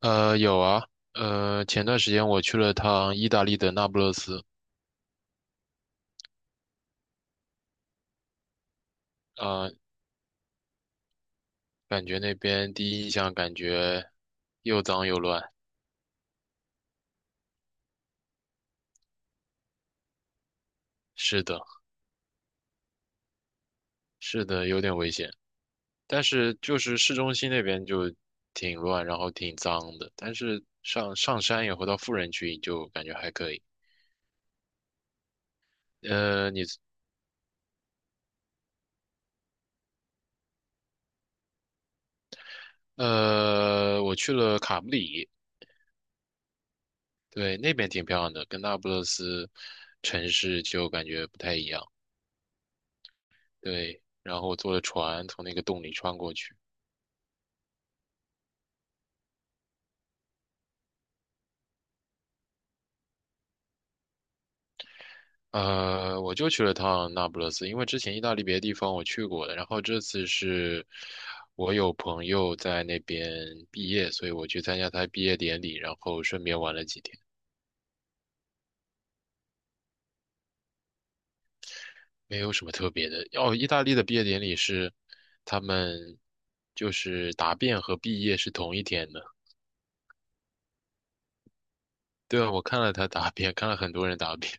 有啊，前段时间我去了趟意大利的那不勒斯，啊、感觉那边第一印象感觉又脏又乱，是的，是的，有点危险，但是就是市中心那边就挺乱，然后挺脏的，但是上山以后到富人区就感觉还可以。呃，你我去了卡布里，对，那边挺漂亮的，跟那不勒斯城市就感觉不太一样。对，然后坐了船从那个洞里穿过去。我就去了趟那不勒斯，因为之前意大利别的地方我去过的，然后这次是我有朋友在那边毕业，所以我去参加他毕业典礼，然后顺便玩了几天，没有什么特别的。哦，意大利的毕业典礼是他们，就是答辩和毕业是同一天的。对啊，我看了他答辩，看了很多人答辩，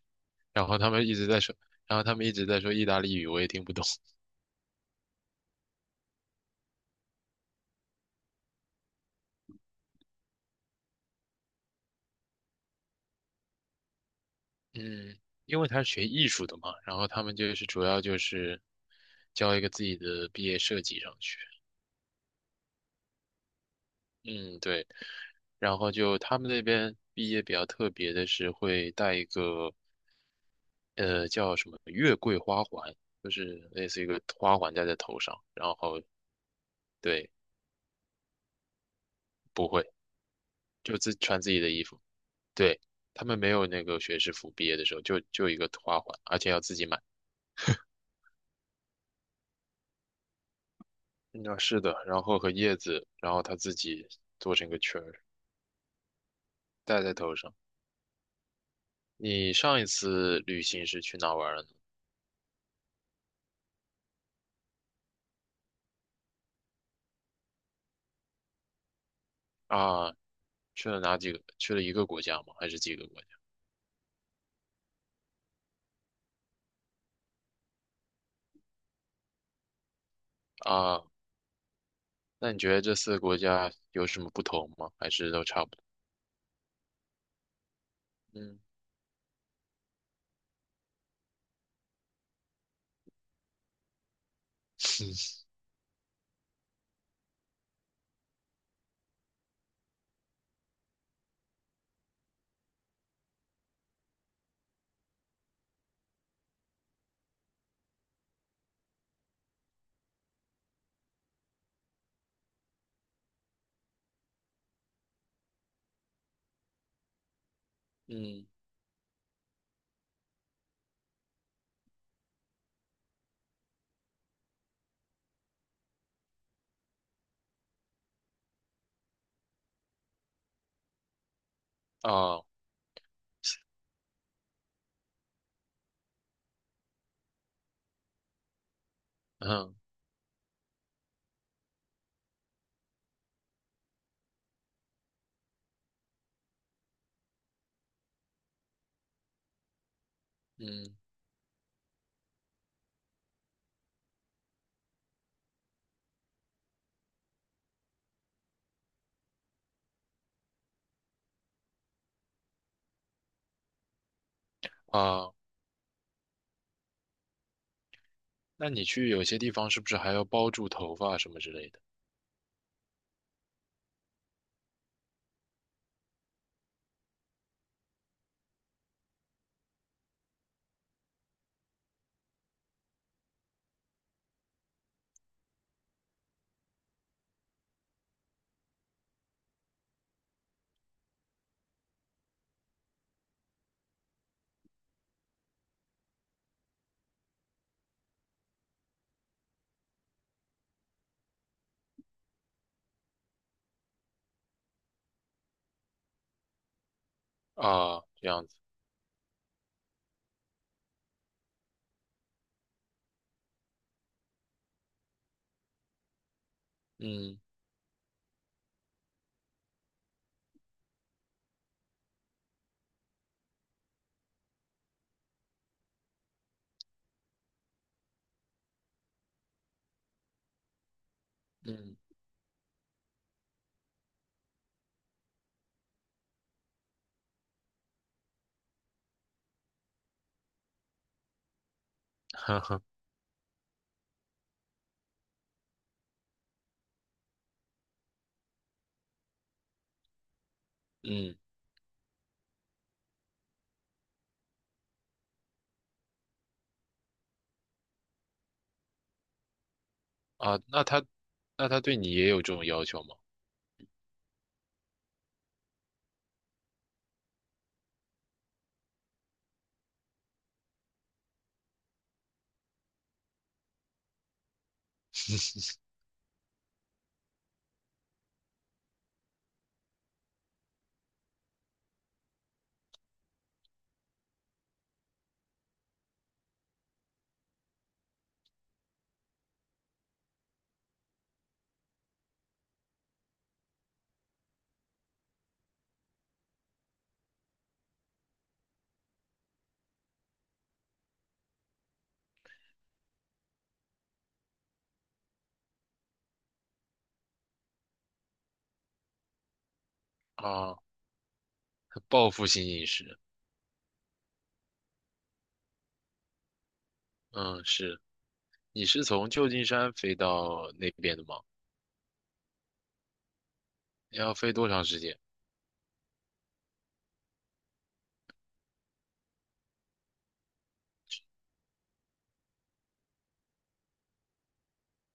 然后他们一直在说，然后他们一直在说意大利语，我也听不懂。嗯，因为他是学艺术的嘛，然后他们就是主要就是交一个自己的毕业设计上去。嗯，对。然后就他们那边毕业比较特别的是会带一个叫什么月桂花环，就是类似一个花环戴在头上，然后对，不会，就自穿自己的衣服。对，他们没有那个学士服，毕业的时候就一个花环，而且要自己买。嗯，是的，然后和叶子，然后他自己做成一个圈儿。戴在头上。你上一次旅行是去哪玩了呢？啊，去了哪几个？去了一个国家吗？还是几个国家？啊，那你觉得这四个国家有什么不同吗？还是都差不多？嗯。 嗯啊，嗯嗯啊，那你去有些地方是不是还要包住头发什么之类的？啊，这样子。嗯嗯。呵呵，嗯啊，那他对你也有这种要求吗？啊，报复性饮食。嗯，是。你是从旧金山飞到那边的吗？要飞多长时间？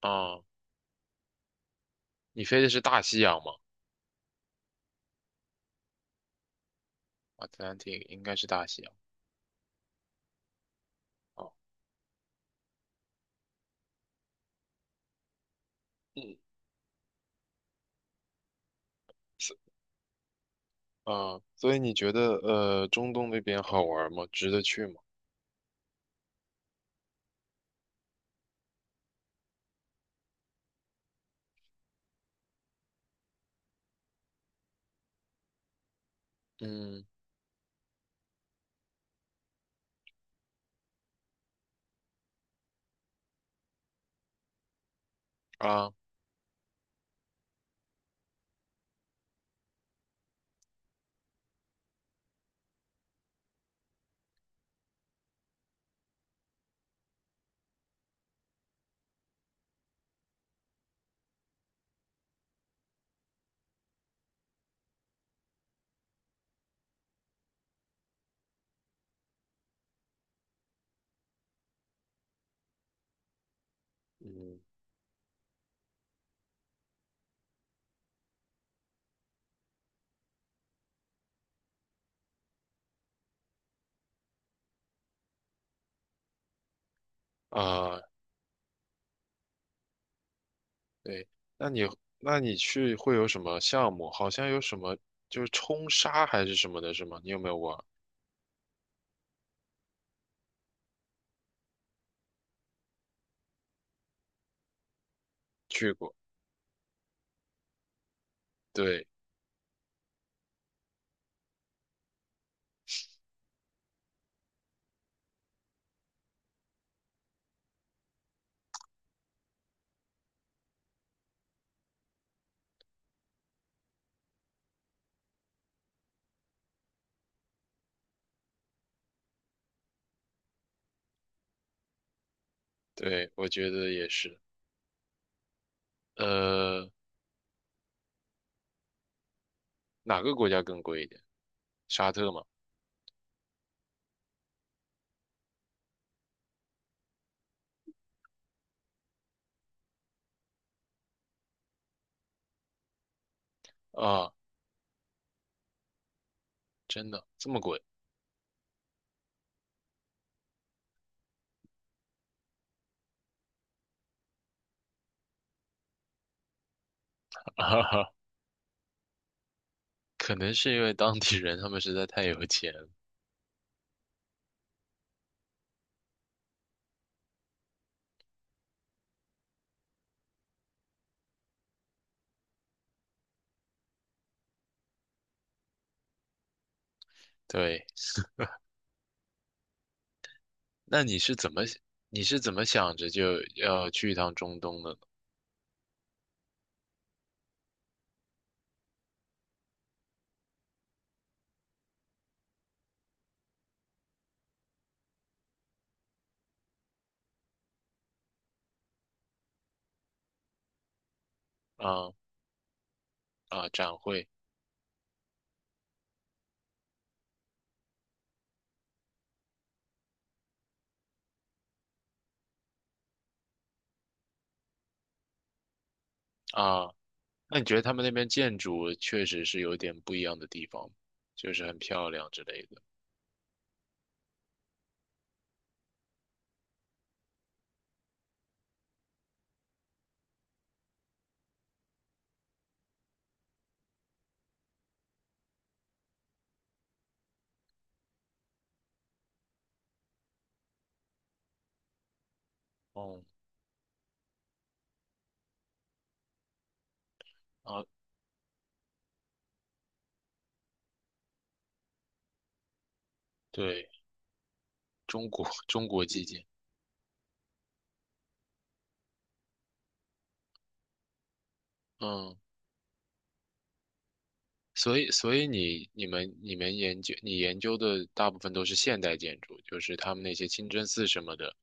啊，你飞的是大西洋吗？Atlantic 应该是大西洋。哦，嗯，是啊，所以你觉得中东那边好玩吗？值得去吗？嗯啊，嗯啊，对，那你那你去会有什么项目？好像有什么就是冲沙还是什么的，是吗？你有没有玩去过？对对，我觉得也是。呃，哪个国家更贵一点？沙特吗？啊，真的这么贵。 哈哈，可能是因为当地人他们实在太有钱了。对，那你是怎么想着就要去一趟中东的呢？啊啊，展会啊，那你觉得他们那边建筑确实是有点不一样的地方，就是很漂亮之类的。哦，啊，对，中国 中国基建，嗯。所以你研究的大部分都是现代建筑，就是他们那些清真寺什么的，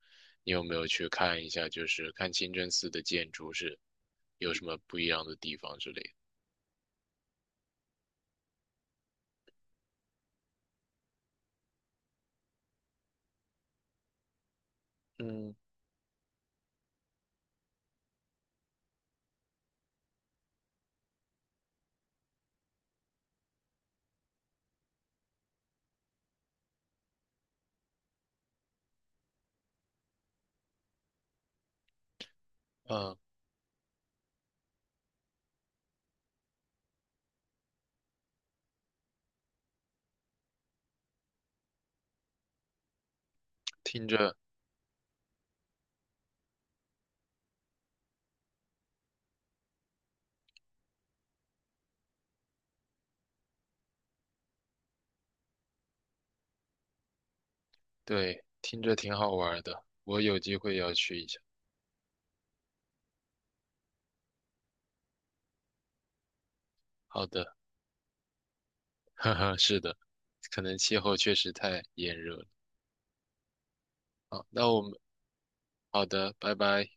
你有没有去看一下？就是看清真寺的建筑是有什么不一样的地方之类的。嗯嗯，听着，对，听着挺好玩的，我有机会要去一下。好的。哈哈，是的，可能气候确实太炎热了。好，那我们好的，拜拜。